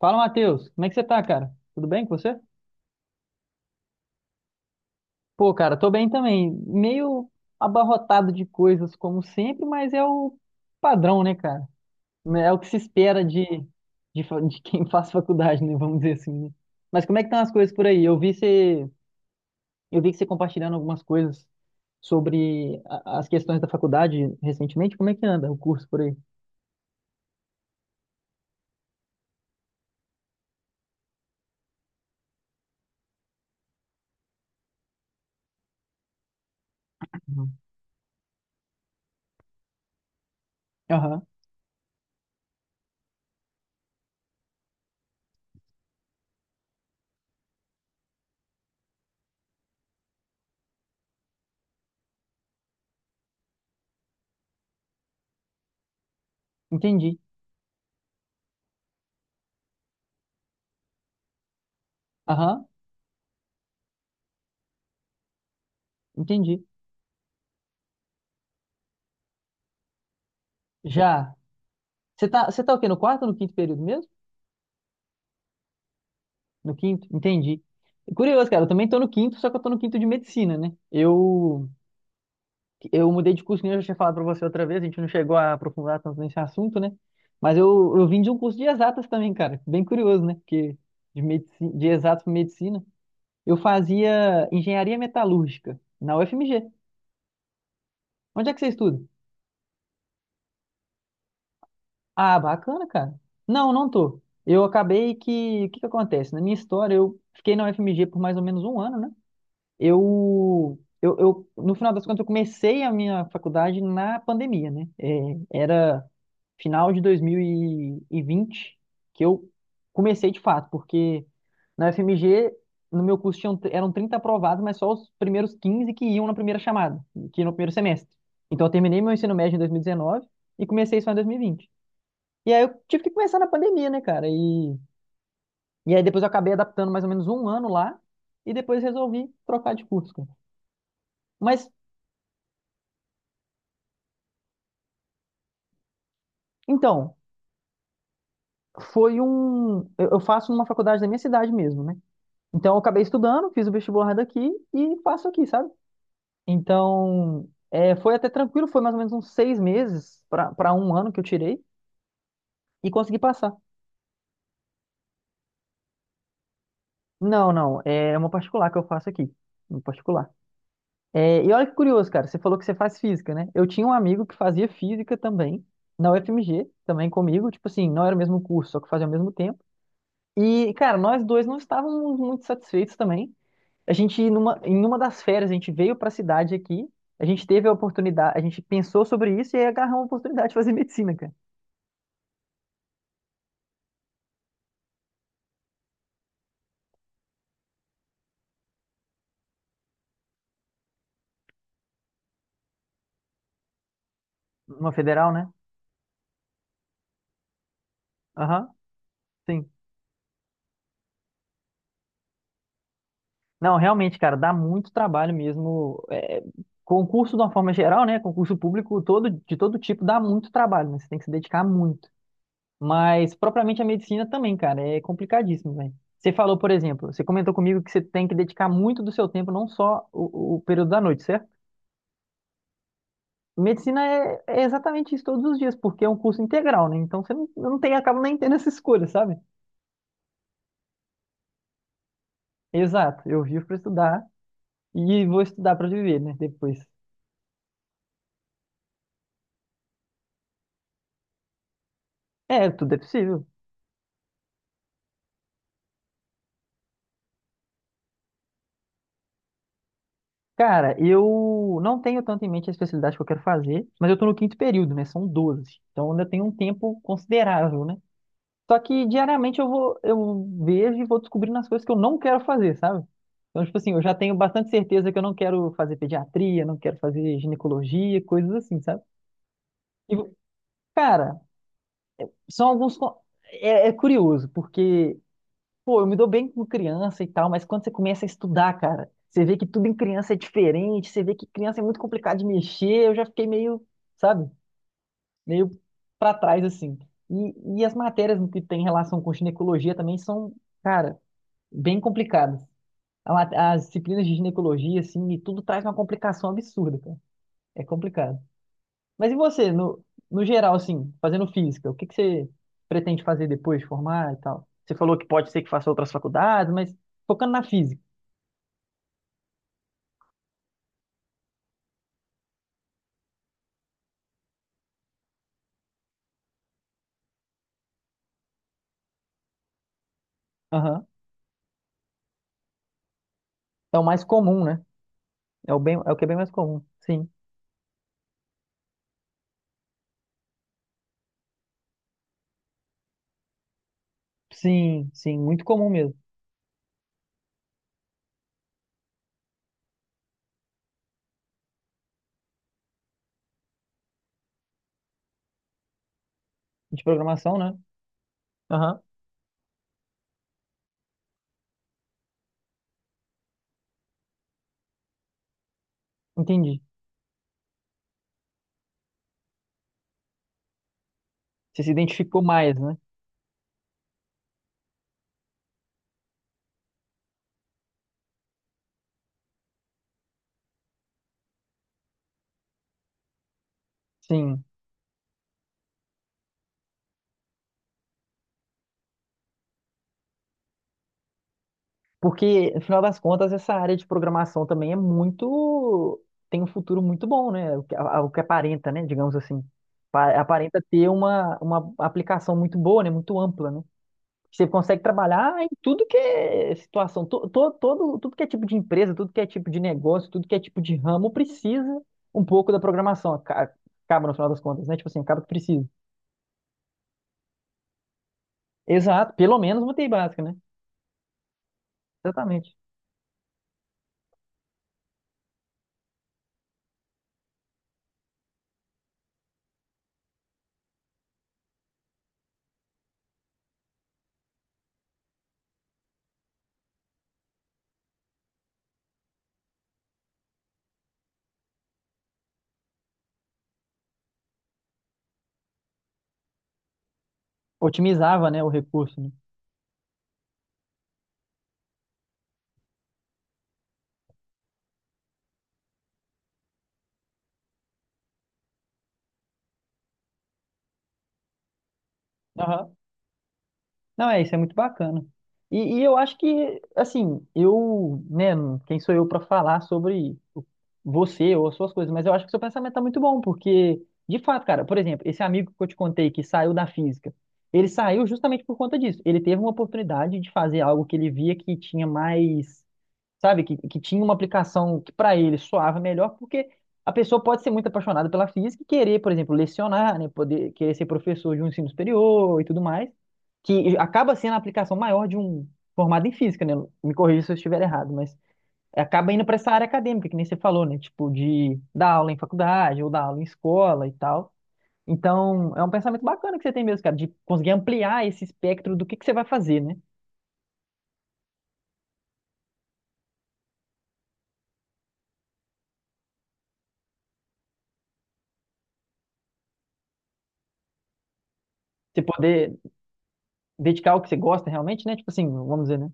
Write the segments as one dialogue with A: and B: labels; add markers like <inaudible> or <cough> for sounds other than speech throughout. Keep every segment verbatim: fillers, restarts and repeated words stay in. A: Fala, Matheus. Como é que você tá, cara? Tudo bem com você? Pô, cara, tô bem também. Meio abarrotado de coisas, como sempre, mas é o padrão, né, cara? Né, é o que se espera de, de, fa- de quem <laughs> faz faculdade, né? Vamos dizer assim, né? Mas como é que estão as coisas por aí? Eu vi você, eu vi que você compartilhando algumas coisas sobre a- as questões da faculdade recentemente. Como é que anda o curso por aí? Uhum. Aham, entendi. Aham, entendi. Já. Você tá, você tá o quê? No quarto ou no quinto período mesmo? No quinto, entendi. É curioso, cara, eu também tô no quinto, só que eu tô no quinto de medicina, né? Eu, eu mudei de curso, que nem eu já tinha falado pra você outra vez. A gente não chegou a aprofundar tanto nesse assunto, né? Mas eu, eu vim de um curso de exatas também, cara. Bem curioso, né? Porque de, medici- de exatas pra medicina, eu fazia engenharia metalúrgica na U F M G. Onde é que você estuda? Ah, bacana, cara. Não, não tô. Eu acabei que. O que que acontece? Na minha história, eu fiquei na U F M G por mais ou menos um ano, né? Eu, eu, eu, no final das contas, eu comecei a minha faculdade na pandemia, né? É, era final de dois mil e vinte que eu comecei de fato, porque na F M G, no meu curso, tinham, eram trinta aprovados, mas só os primeiros quinze que iam na primeira chamada, que iam no primeiro semestre. Então, eu terminei meu ensino médio em dois mil e dezenove e comecei só em dois mil e vinte. E vinte. E aí, eu tive que começar na pandemia, né, cara? E, e aí, depois eu acabei adaptando mais ou menos um ano lá e depois resolvi trocar de curso, cara. Mas então, foi um. Eu eu faço numa faculdade da minha cidade mesmo, né? Então, eu acabei estudando, fiz o vestibular daqui e faço aqui, sabe? Então, é, foi até tranquilo, foi mais ou menos uns seis meses para para um ano que eu tirei e consegui passar. Não, não, é uma particular que eu faço aqui, uma particular. É, e olha que curioso, cara, você falou que você faz física, né? Eu tinha um amigo que fazia física também, na U F M G, também comigo, tipo assim, não era o mesmo curso, só que fazia ao mesmo tempo. E, cara, nós dois não estávamos muito satisfeitos também. A gente, numa, em uma das férias, a gente veio para a cidade aqui, a gente teve a oportunidade, a gente pensou sobre isso e aí agarrou a oportunidade de fazer <laughs> medicina, cara. Uma federal, né? Aham, sim. Não, realmente, cara, dá muito trabalho mesmo. É, concurso, de uma forma geral, né? Concurso público todo, de todo tipo dá muito trabalho, né? Você tem que se dedicar muito. Mas, propriamente, a medicina também, cara, é complicadíssimo, velho. Você falou, por exemplo, você comentou comigo que você tem que dedicar muito do seu tempo, não só o, o período da noite, certo? Medicina é, é exatamente isso todos os dias, porque é um curso integral, né? Então você não, eu não tem, acaba nem tendo essa escolha, sabe? Exato, eu vivo para estudar e vou estudar para viver, né? Depois. É, tudo é possível. Cara, eu não tenho tanto em mente a especialidade que eu quero fazer, mas eu tô no quinto período, né? São doze. Então ainda tenho um tempo considerável, né? Só que diariamente eu vou, eu vejo e vou descobrindo as coisas que eu não quero fazer, sabe? Então, tipo assim, eu já tenho bastante certeza que eu não quero fazer pediatria, não quero fazer ginecologia, coisas assim, sabe? E Cara, são alguns. Co- É, é curioso, porque, pô, eu me dou bem com criança e tal, mas quando você começa a estudar, cara, você vê que tudo em criança é diferente, você vê que criança é muito complicado de mexer. Eu já fiquei meio, sabe, meio pra trás, assim. E, e as matérias que tem relação com ginecologia também são, cara, bem complicadas. A ma- As disciplinas de ginecologia, assim, e tudo traz uma complicação absurda, cara. É complicado. Mas e você, no, no geral, assim, fazendo física, o que que você pretende fazer depois de formar e tal? Você falou que pode ser que faça outras faculdades, mas focando na física. Aham. É o mais comum, né? É o bem, é o que é bem mais comum. Sim. Sim, sim, muito comum mesmo. De programação, né? Aham. Entendi. Você se identificou mais, né? Sim. Porque, no final das contas, essa área de programação também é muito. Tem um futuro muito bom, né? O que, a- o que aparenta, né? Digamos assim. Pa- Aparenta ter uma, uma aplicação muito boa, né? Muito ampla, né? Você consegue trabalhar em tudo que é situação, to, to- todo, tudo que é tipo de empresa, tudo que é tipo de negócio, tudo que é tipo de ramo precisa um pouco da programação. Aca- Acaba, no final das contas, né? Tipo assim, acaba que precisa. Exato, pelo menos uma T I básica, né? Exatamente. Otimizava, né, o recurso, né? Não, é, isso é muito bacana. E, e eu acho que, assim, eu, né, quem sou eu para falar sobre o- você ou as suas coisas, mas eu acho que seu pensamento tá muito bom, porque, de fato, cara, por exemplo, esse amigo que eu te contei que saiu da física, ele saiu justamente por conta disso. Ele teve uma oportunidade de fazer algo que ele via que tinha mais sabe? Que, que tinha uma aplicação que para ele soava melhor, porque a pessoa pode ser muito apaixonada pela física e querer, por exemplo, lecionar, né? Poder, querer ser professor de um ensino superior e tudo mais, que acaba sendo a aplicação maior de um formado em física, né? Me corrija se eu estiver errado, mas acaba indo para essa área acadêmica, que nem você falou, né? Tipo, de dar aula em faculdade ou dar aula em escola e tal. Então, é um pensamento bacana que você tem mesmo, cara, de conseguir ampliar esse espectro do que que você vai fazer, né? Você poder dedicar ao que você gosta realmente, né? Tipo assim, vamos dizer, né?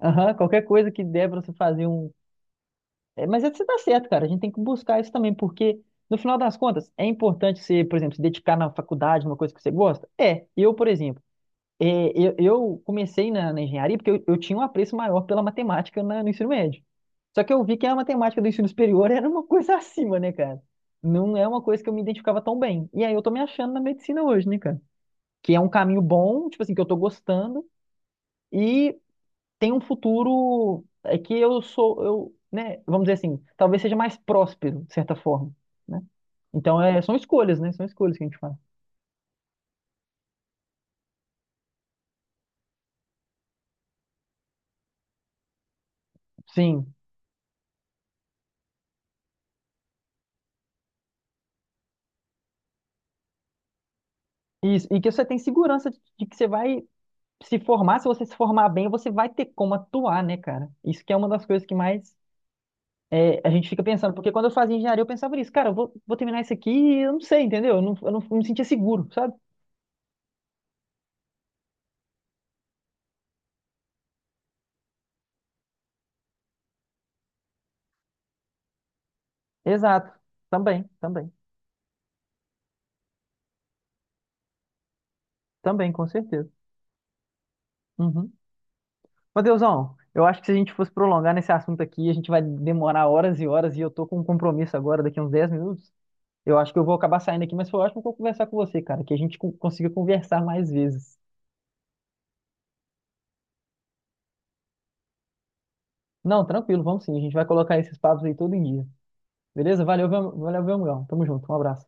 A: Aham, qualquer coisa que der pra você fazer um. É, mas é que você tá certo, cara. A gente tem que buscar isso também, porque no final das contas, é importante você, por exemplo, se dedicar na faculdade, uma coisa que você gosta? É. Eu, por exemplo. É, eu, eu comecei na, na engenharia porque eu, eu tinha um apreço maior pela matemática na- no ensino médio. Só que eu vi que a matemática do ensino superior <laughs> era uma coisa <laughs> acima, né, cara? Não é uma coisa que eu me identificava tão bem. E aí eu tô me achando na medicina hoje, né, cara? Que é um caminho bom, tipo assim, que eu tô gostando e tem um futuro é, que eu sou, eu, né, vamos dizer assim, talvez seja mais próspero, de certa forma, né? Então, é, são escolhas, né? São escolhas que a gente faz. Sim. Isso, e que você tem segurança de de que você vai se formar. Se você se formar bem, você vai ter como atuar, né, cara? Isso que é uma das coisas que mais é, a gente fica pensando, porque quando eu fazia engenharia, eu pensava nisso, cara, eu vou, vou terminar isso aqui e eu não sei, entendeu? Eu não, eu não me sentia seguro, sabe? Exato. Também, também, também, com certeza. Uhum. Mateusão, eu acho que se a gente fosse prolongar nesse assunto aqui, a gente vai demorar horas e horas e eu tô com um compromisso agora, daqui a uns dez minutos. Eu acho que eu vou acabar saindo aqui, mas foi ótimo que eu conversar com você, cara, que a gente co- consiga conversar mais vezes. Não, tranquilo, vamos sim, a gente vai colocar esses papos aí todo dia. Beleza? Valeu, meu- valeu, meu amigão. Tamo junto. Um abraço.